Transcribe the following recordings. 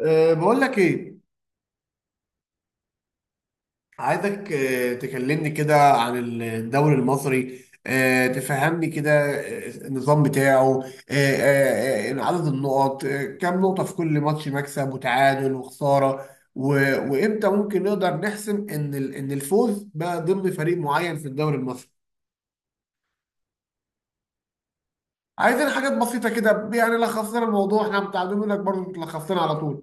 بقول لك ايه؟ عايزك تكلمني كده عن الدوري المصري، تفهمني كده، النظام بتاعه، أه، أه، أه، عدد النقط، كام نقطة في كل ماتش، مكسب وتعادل وخسارة. و- وامتى ممكن نقدر نحسم ان ان الفوز بقى ضمن فريق معين في الدوري المصري؟ عايزين حاجات بسيطة كده، يعني لخص لنا الموضوع، احنا متعلمين لك برضه لخصنا على طول.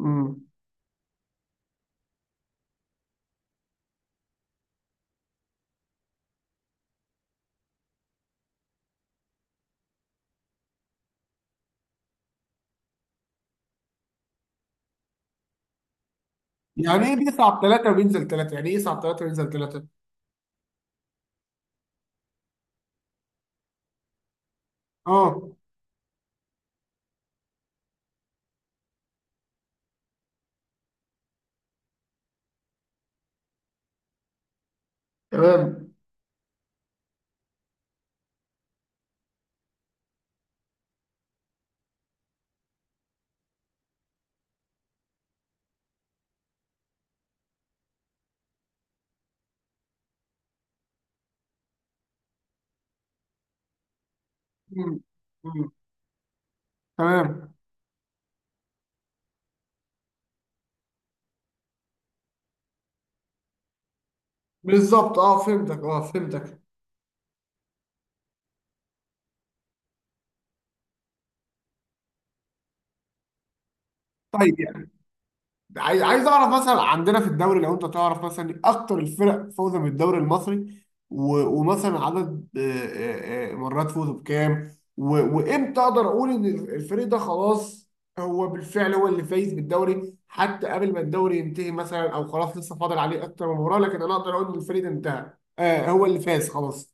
امم. يعني ايه بيصعد ثلاثة وبينزل ثلاثة؟ يعني ايه يصعد ثلاثة وينزل ثلاثة؟ اه. تمام. مم. مم. تمام. بالظبط، اه فهمتك، اه فهمتك. طيب يعني عايز اعرف مثلا، عندنا في الدوري لو انت تعرف مثلا اكتر الفرق فوزا بالدوري المصري، ومثلا عدد مرات فوزه بكام، وامتى اقدر اقول ان الفريق ده خلاص هو بالفعل هو اللي فايز بالدوري حتى قبل ما الدوري ينتهي مثلا، او خلاص لسه فاضل عليه اكتر من مباراه، لكن انا اقدر اقول ان الفريق ده انتهى، آه هو اللي فاز خلاص.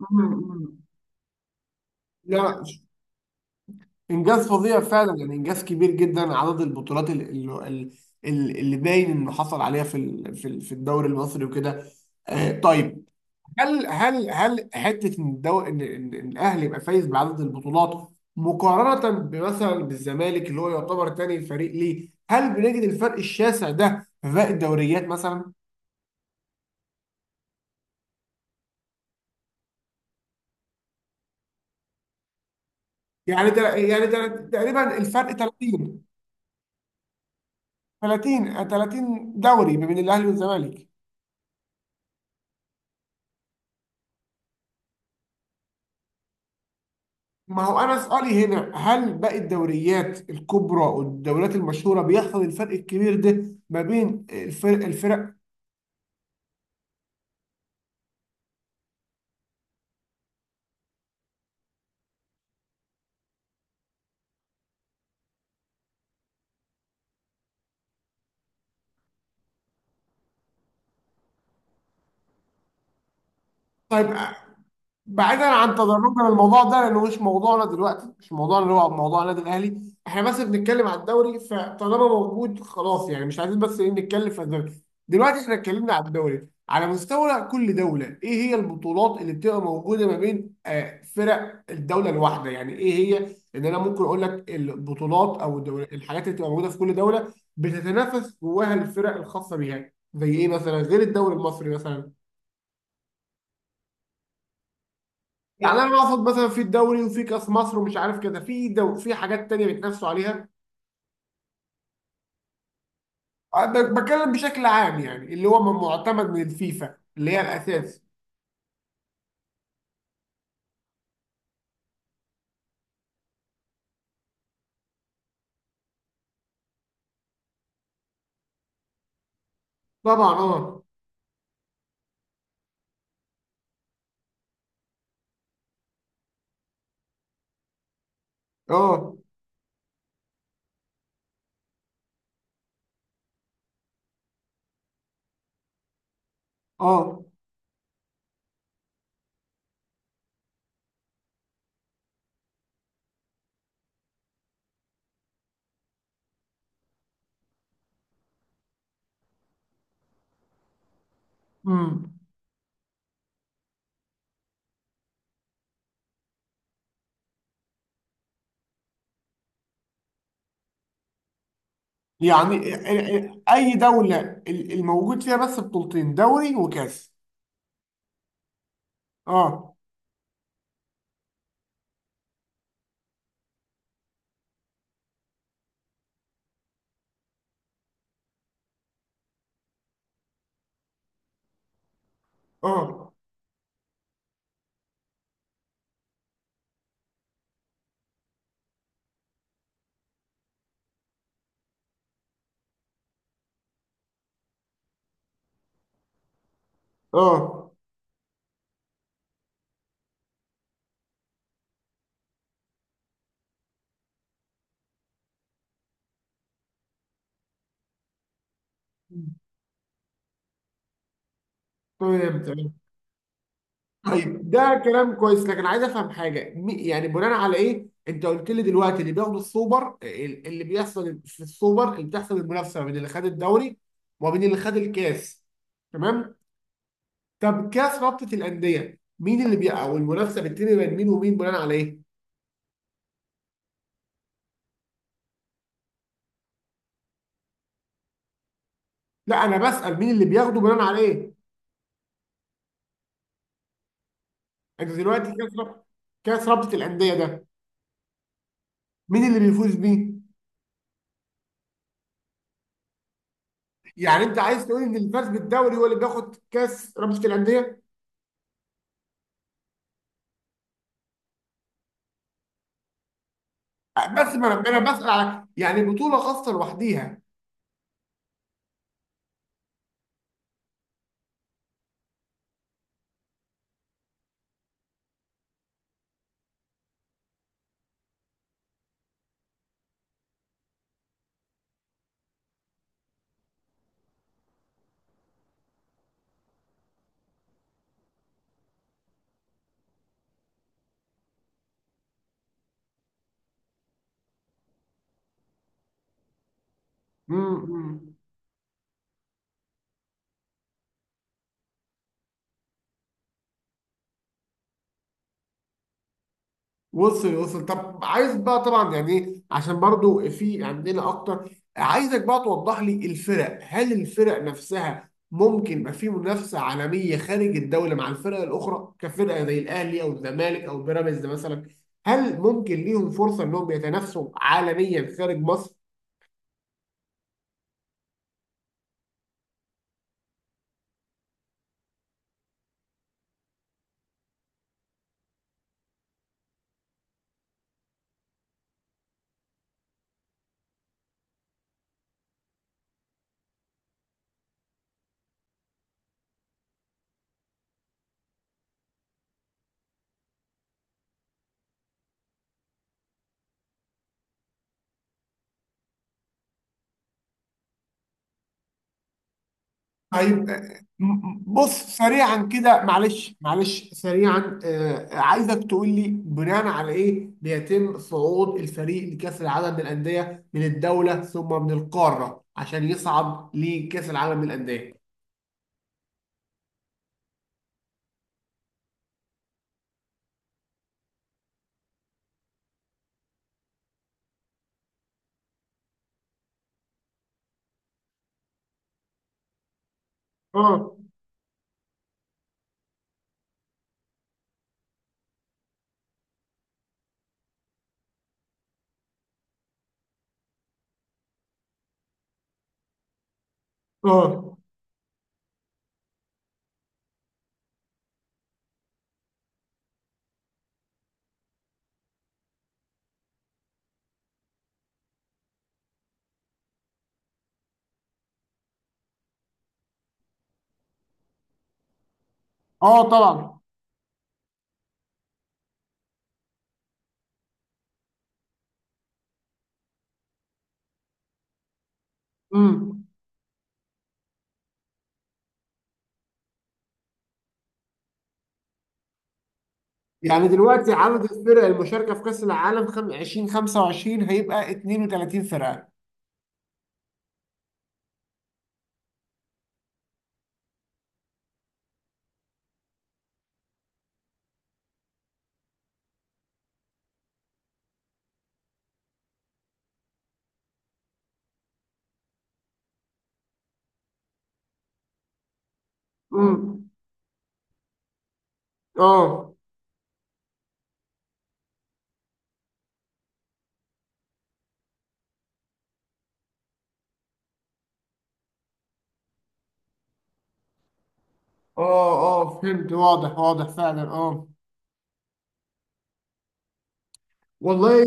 مم. مم. لا، انجاز فظيع فعلا، يعني انجاز كبير جدا، عدد البطولات اللي باين انه حصل عليها في الدوري المصري وكده. طيب. هل حته ان إن الاهلي يبقى فايز بعدد البطولات مقارنه بمثلا بالزمالك اللي هو يعتبر تاني فريق ليه؟ هل بنجد الفرق الشاسع ده في باقي الدوريات مثلا؟ تقريبا الفرق 30، 30، 30 دوري ما بين الاهلي والزمالك. ما هو انا سؤالي هنا، هل باقي الدوريات الكبرى والدوريات المشهوره بيحصل الفرق الكبير ده ما بين الفرق الفرق؟ طيب بعيدا عن تدرجنا للموضوع ده لانه مش موضوعنا دلوقتي، مش موضوعنا اللي هو موضوع النادي الاهلي، احنا بس بنتكلم على الدوري، فطالما موجود خلاص يعني مش عايزين، بس ايه نتكلم في الدوري. دلوقتي احنا اتكلمنا على الدوري على مستوى كل دوله، ايه هي البطولات اللي بتبقى موجوده ما بين فرق الدوله الواحده، يعني ايه هي، ان انا ممكن اقول لك البطولات او الدول، الحاجات اللي بتبقى موجوده في كل دوله بتتنافس جواها الفرق الخاصه بيها زي ايه مثلا غير الدوري المصري مثلا؟ يعني انا اقصد مثلا في الدوري وفي كاس مصر ومش عارف كده، في حاجات تانية بيتنافسوا عليها. بتكلم بشكل عام يعني اللي هو معتمد من الفيفا اللي هي الاساس. طبعا اه. اه اه. امم. يعني اي دوله الموجود فيها بس بطولتين، دوري وكاس؟ اه. اه اه. تمام تمام. طيب ده كلام كويس لكن عايز افهم حاجه، يعني بناء على ايه؟ انت قلت لي دلوقتي اللي بياخدوا السوبر، اللي بيحصل في السوبر، اللي بتحصل المنافسه ما بين اللي خد الدوري وما بين اللي خد الكاس. تمام. طب كاس رابطه الانديه مين او المنافسه بتتم بين مين ومين بناء على ايه؟ لا، انا بسال مين اللي بياخده بناء على ايه. انت دلوقتي كاس رابطه الانديه ده، مين اللي بيفوز بيه؟ يعني انت عايز تقول ان اللي فاز بالدوري هو اللي بياخد كاس رابطه الانديه؟ بس ما أنا بسأل على يعني بطولة خاصة لوحديها. امم. وصل وصل. طب عايز بقى طبعا، يعني ايه، عشان برضو في عندنا اكتر. عايزك بقى توضح لي الفرق، هل الفرق نفسها ممكن يبقى في منافسة عالمية خارج الدولة مع الفرق الأخرى كفرقة زي الأهلي أو الزمالك أو بيراميدز مثلا؟ هل ممكن ليهم فرصة إنهم يتنافسوا عالميا خارج مصر؟ طيب بص سريعا كده، معلش معلش، سريعا، عايزك تقول لي بناء على ايه بيتم صعود الفريق لكأس العالم للأندية من الدولة ثم من القارة عشان يصعد لكأس العالم للأندية؟ اه اه اه. طبعا. امم. يعني دلوقتي عدد الفرق المشاركة في كأس العالم 2025 هيبقى 32 فرقة؟ امم. اه اه اه. فهمت، واضح واضح فعلا. اه. والله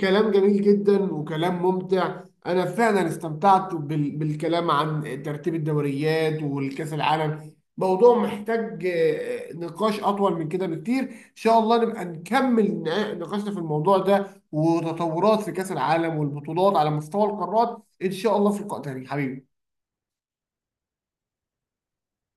كلام جميل جدا وكلام ممتع. انا فعلا استمتعت بالكلام عن ترتيب الدوريات والكاس العالم، موضوع محتاج نقاش اطول من كده بكتير، ان شاء الله نبقى نكمل نقاشنا في الموضوع ده وتطورات في كاس العالم والبطولات على مستوى القارات، ان شاء الله في لقاء تاني حبيبي.